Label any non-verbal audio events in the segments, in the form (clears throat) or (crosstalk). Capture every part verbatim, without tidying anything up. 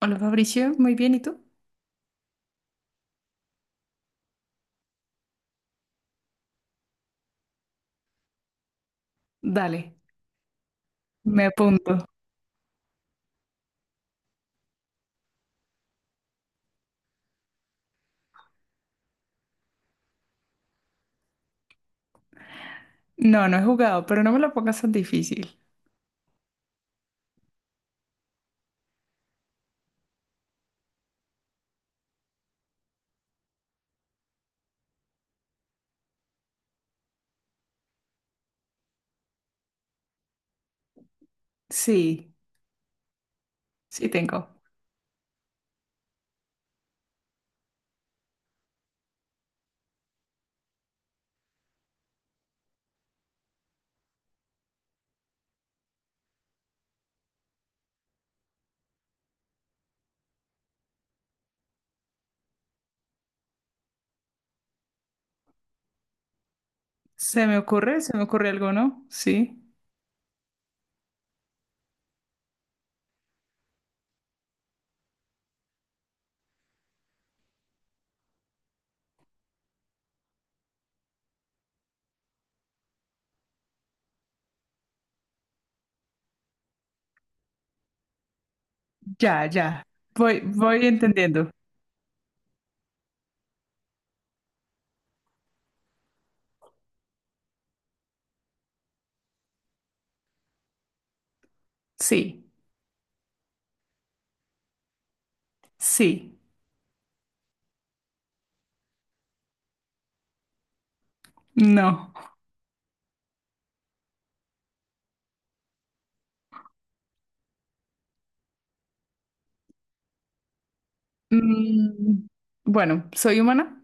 Hola Fabricio, muy bien, ¿y tú? Dale, me apunto. No, no he jugado, pero no me lo pongas tan difícil. Sí, sí tengo. ¿Se me ocurre? ¿Se me ocurre algo, no? Sí. Ya, ya. Voy, voy entendiendo. Sí, sí, no. Mm, bueno, ¿soy humana?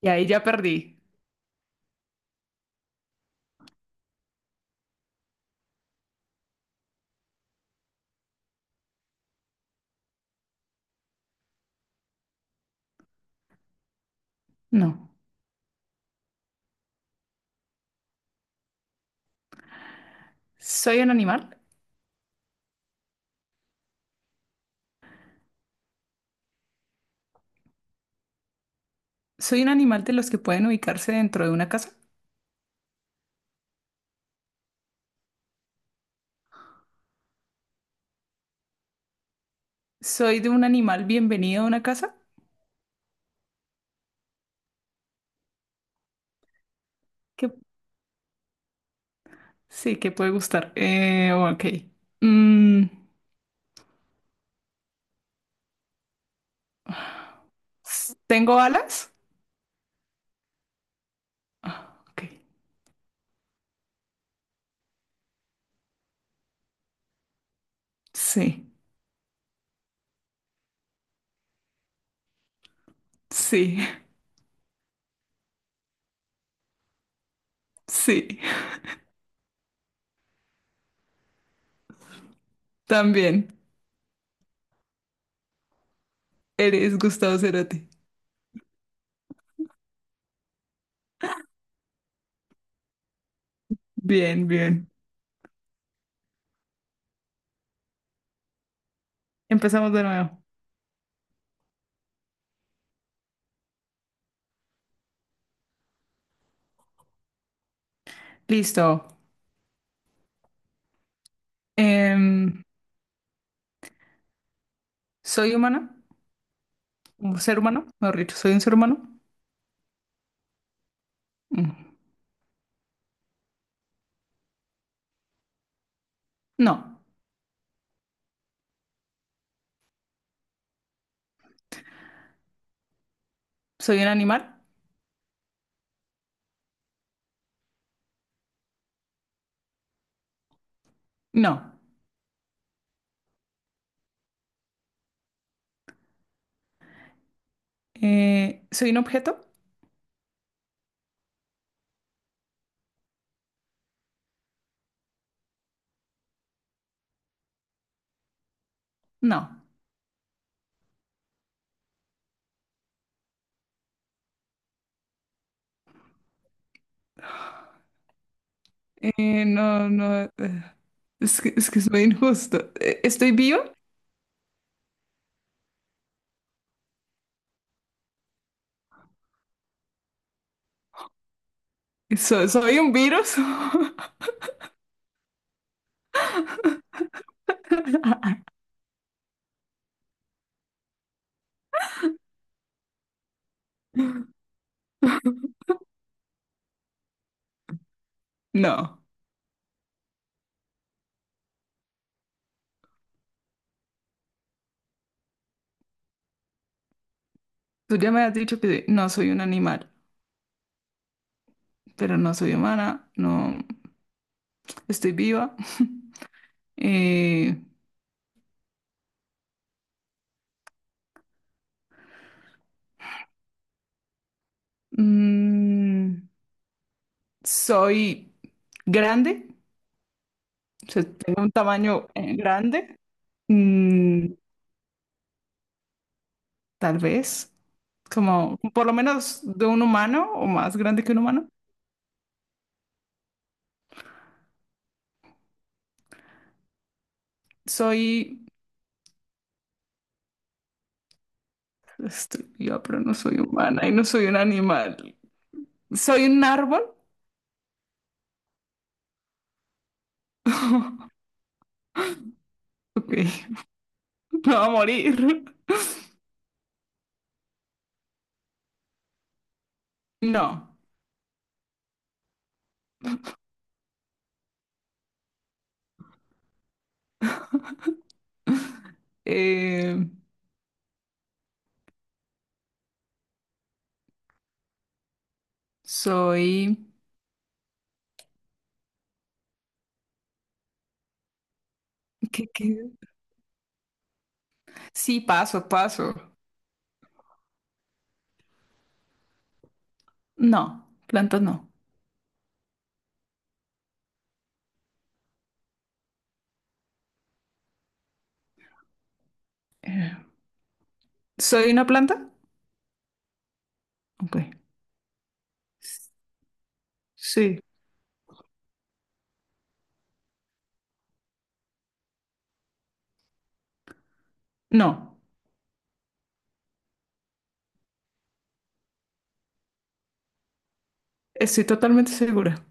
Y ahí ya perdí. No. ¿Soy un animal? ¿Soy un animal de los que pueden ubicarse dentro de una casa? ¿Soy de un animal bienvenido a una casa? ¿Qué? Sí, que puede gustar. Eh, ok. Mm, s- ¿tengo alas? Ok. Sí, sí, (laughs) sí. También. Eres Gustavo Cerati. Bien, bien. Empezamos de nuevo. Listo. Em, ¿soy humana? ¿Un ser humano? Mejor dicho, ¿soy un ser humano? Mm, no. ¿Soy un animal? No. Eh, ¿soy un objeto? No. Eh, no, no. eh, Es que, es que es muy injusto. Eh, ¿Estoy viva? ¿So- ¿Soy un virus? (laughs) No. Tú ya me has dicho que no soy un animal, pero no soy humana, no estoy viva. (laughs) Eh, mm, soy grande, o sea, tengo un tamaño eh, grande. Mm, tal vez, como por lo menos de un humano o más grande que un humano. Soy, estoy viva, pero no soy humana y no soy un animal. ¿Soy un árbol? (laughs) Ok, (laughs) me va a morir. No, eh, soy... ¿qué, qué? Sí, paso, paso. No, planta no. Eh, ¿soy una planta? Ok. Sí. No, estoy totalmente segura.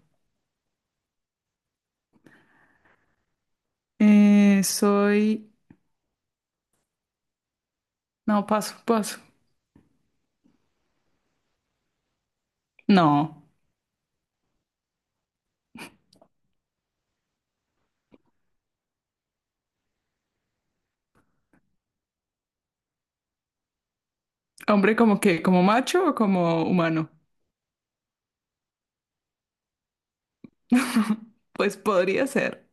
Eh, soy... No, paso, paso. No. Hombre, como que, como macho o como humano. (laughs) Pues podría ser.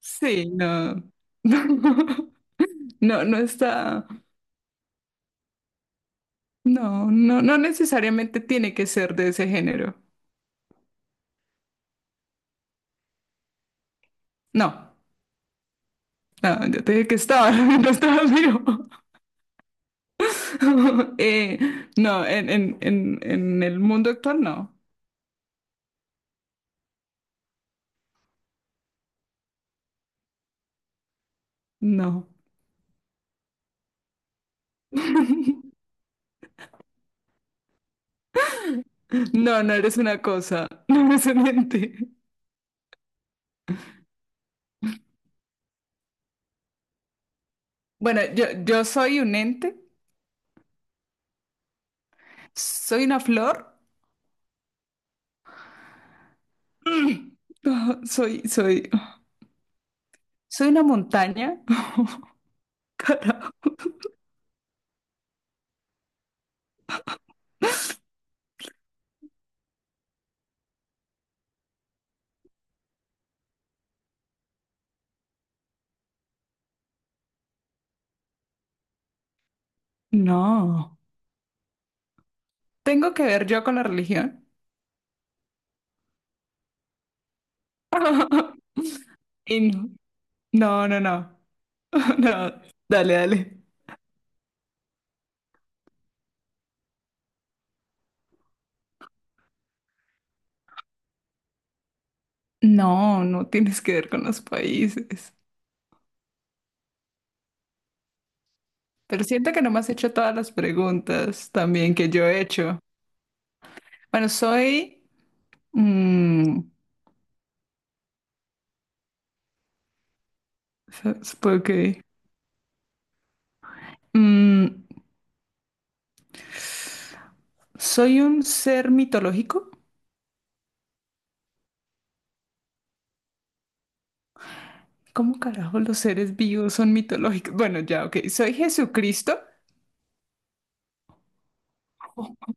Sí, no. (laughs) No, no está. No, no, no necesariamente tiene que ser de ese género. No, no, yo te dije que estaba, (laughs) no estaba vivo. (laughs) Eh, no, en, en, en, en el mundo actual no, no. (laughs) No, no eres una cosa, (laughs) no eres un ente. Bueno, yo, yo soy un ente, soy una flor, (laughs) (clears throat) soy, soy, (gasps) soy una montaña. (laughs) Carajo. No. ¿Tengo que ver yo con la religión? (laughs) Y no, no, no, no, (laughs) no, dale, dale. No, no tienes que ver con los países. Pero siento que no me has hecho todas las preguntas también que yo he hecho. Bueno, soy... mm, so- supongo que... mm, soy un ser mitológico. ¿Cómo carajo los seres vivos son mitológicos? Bueno, ya, ok. Soy Jesucristo. Oh,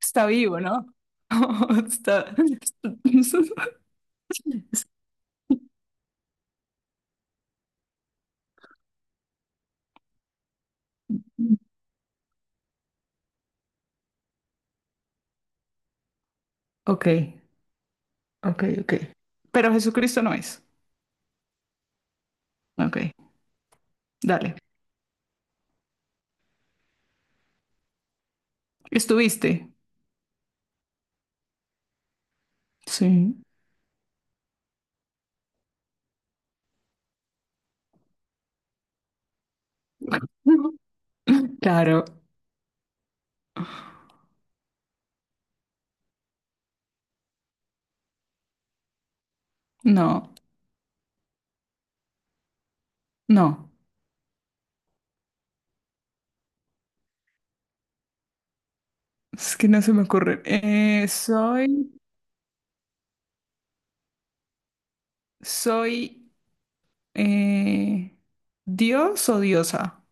¿está vivo, no? (laughs) Está... (laughs) Ok, ok, ok. Pero Jesucristo no es. Ok, dale. ¿Estuviste? Sí. (laughs) Claro. No, no. Es que no se me ocurre. Eh, soy, soy eh, Dios o diosa.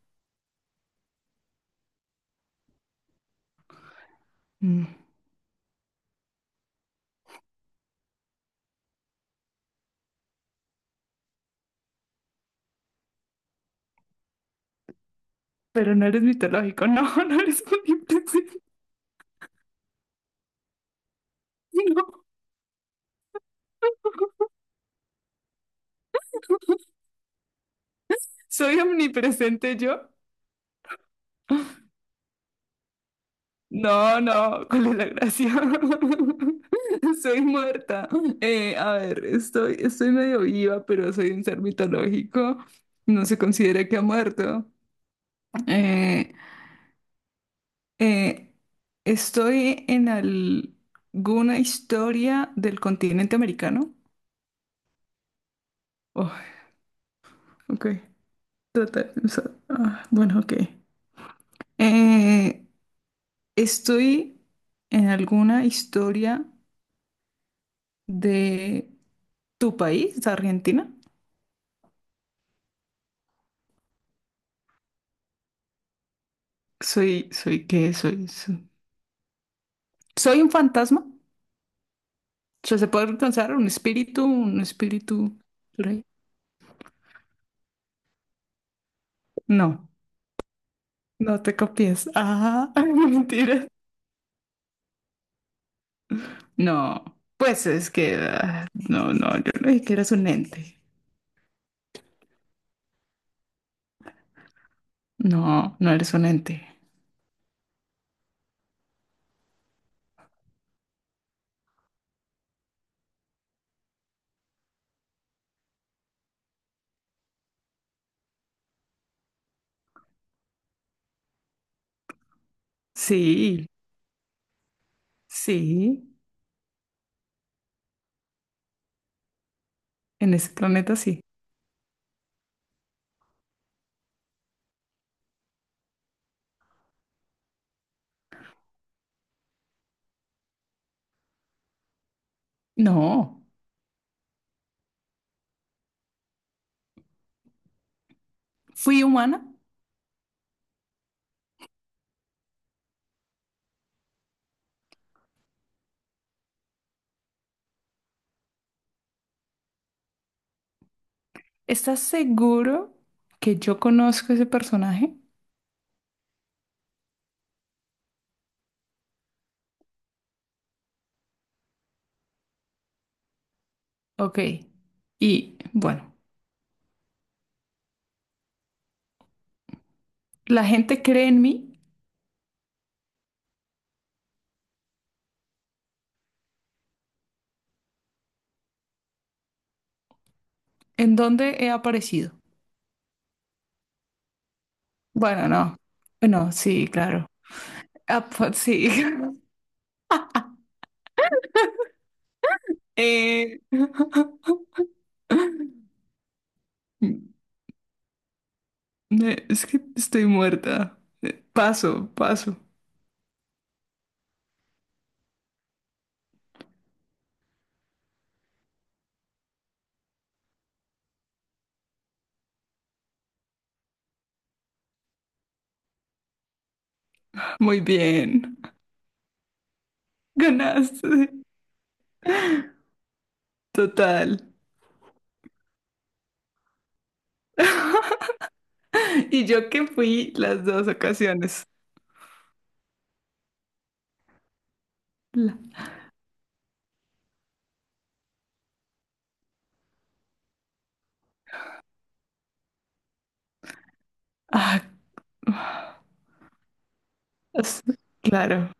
Mm. Pero no eres mitológico. No, (laughs) no eres omnipresente. (laughs) No. ¿Soy omnipresente yo? No, no, (laughs) ¿cuál es la gracia? (laughs) Soy muerta. Eh, a ver, estoy, estoy medio viva, pero soy un ser mitológico. No se considera que ha muerto. Eh, eh, estoy en al- alguna historia del continente americano. Oh, ok. Tratar de pensar. Ah, bueno, ok. Eh, estoy en alguna historia de tu país, Argentina. Soy, soy, ¿qué soy? Soy, soy un fantasma. O ¿se puede alcanzar un espíritu? ¿Un espíritu? ¿por ahí? No, no te copies. Ah, (laughs) mentira. No, pues es que... ah, no, no, yo no dije que eres un ente. No, no eres un ente. Sí, sí, en ese planeta sí. No, fui humana. ¿Estás seguro que yo conozco ese personaje? Ok, y bueno, la gente cree en mí. ¿En dónde he aparecido? Bueno, no. Bueno, sí, claro. Ah, pues, sí. (laughs) Eh, (laughs) eh, Es que estoy muerta. Eh, Paso, paso. Muy bien. (laughs) Ganaste. Total. Y yo que fui las dos ocasiones. La- Ah, es- claro.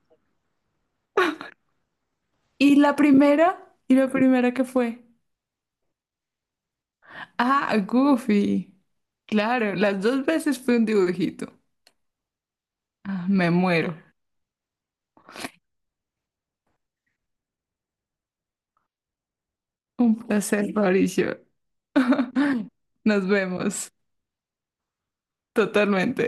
¿Y la primera? ¿Y la primera qué fue? Ah, Goofy. Claro, las dos veces fue un dibujito. Ah, me muero. Un placer, Mauricio. (laughs) Nos vemos totalmente.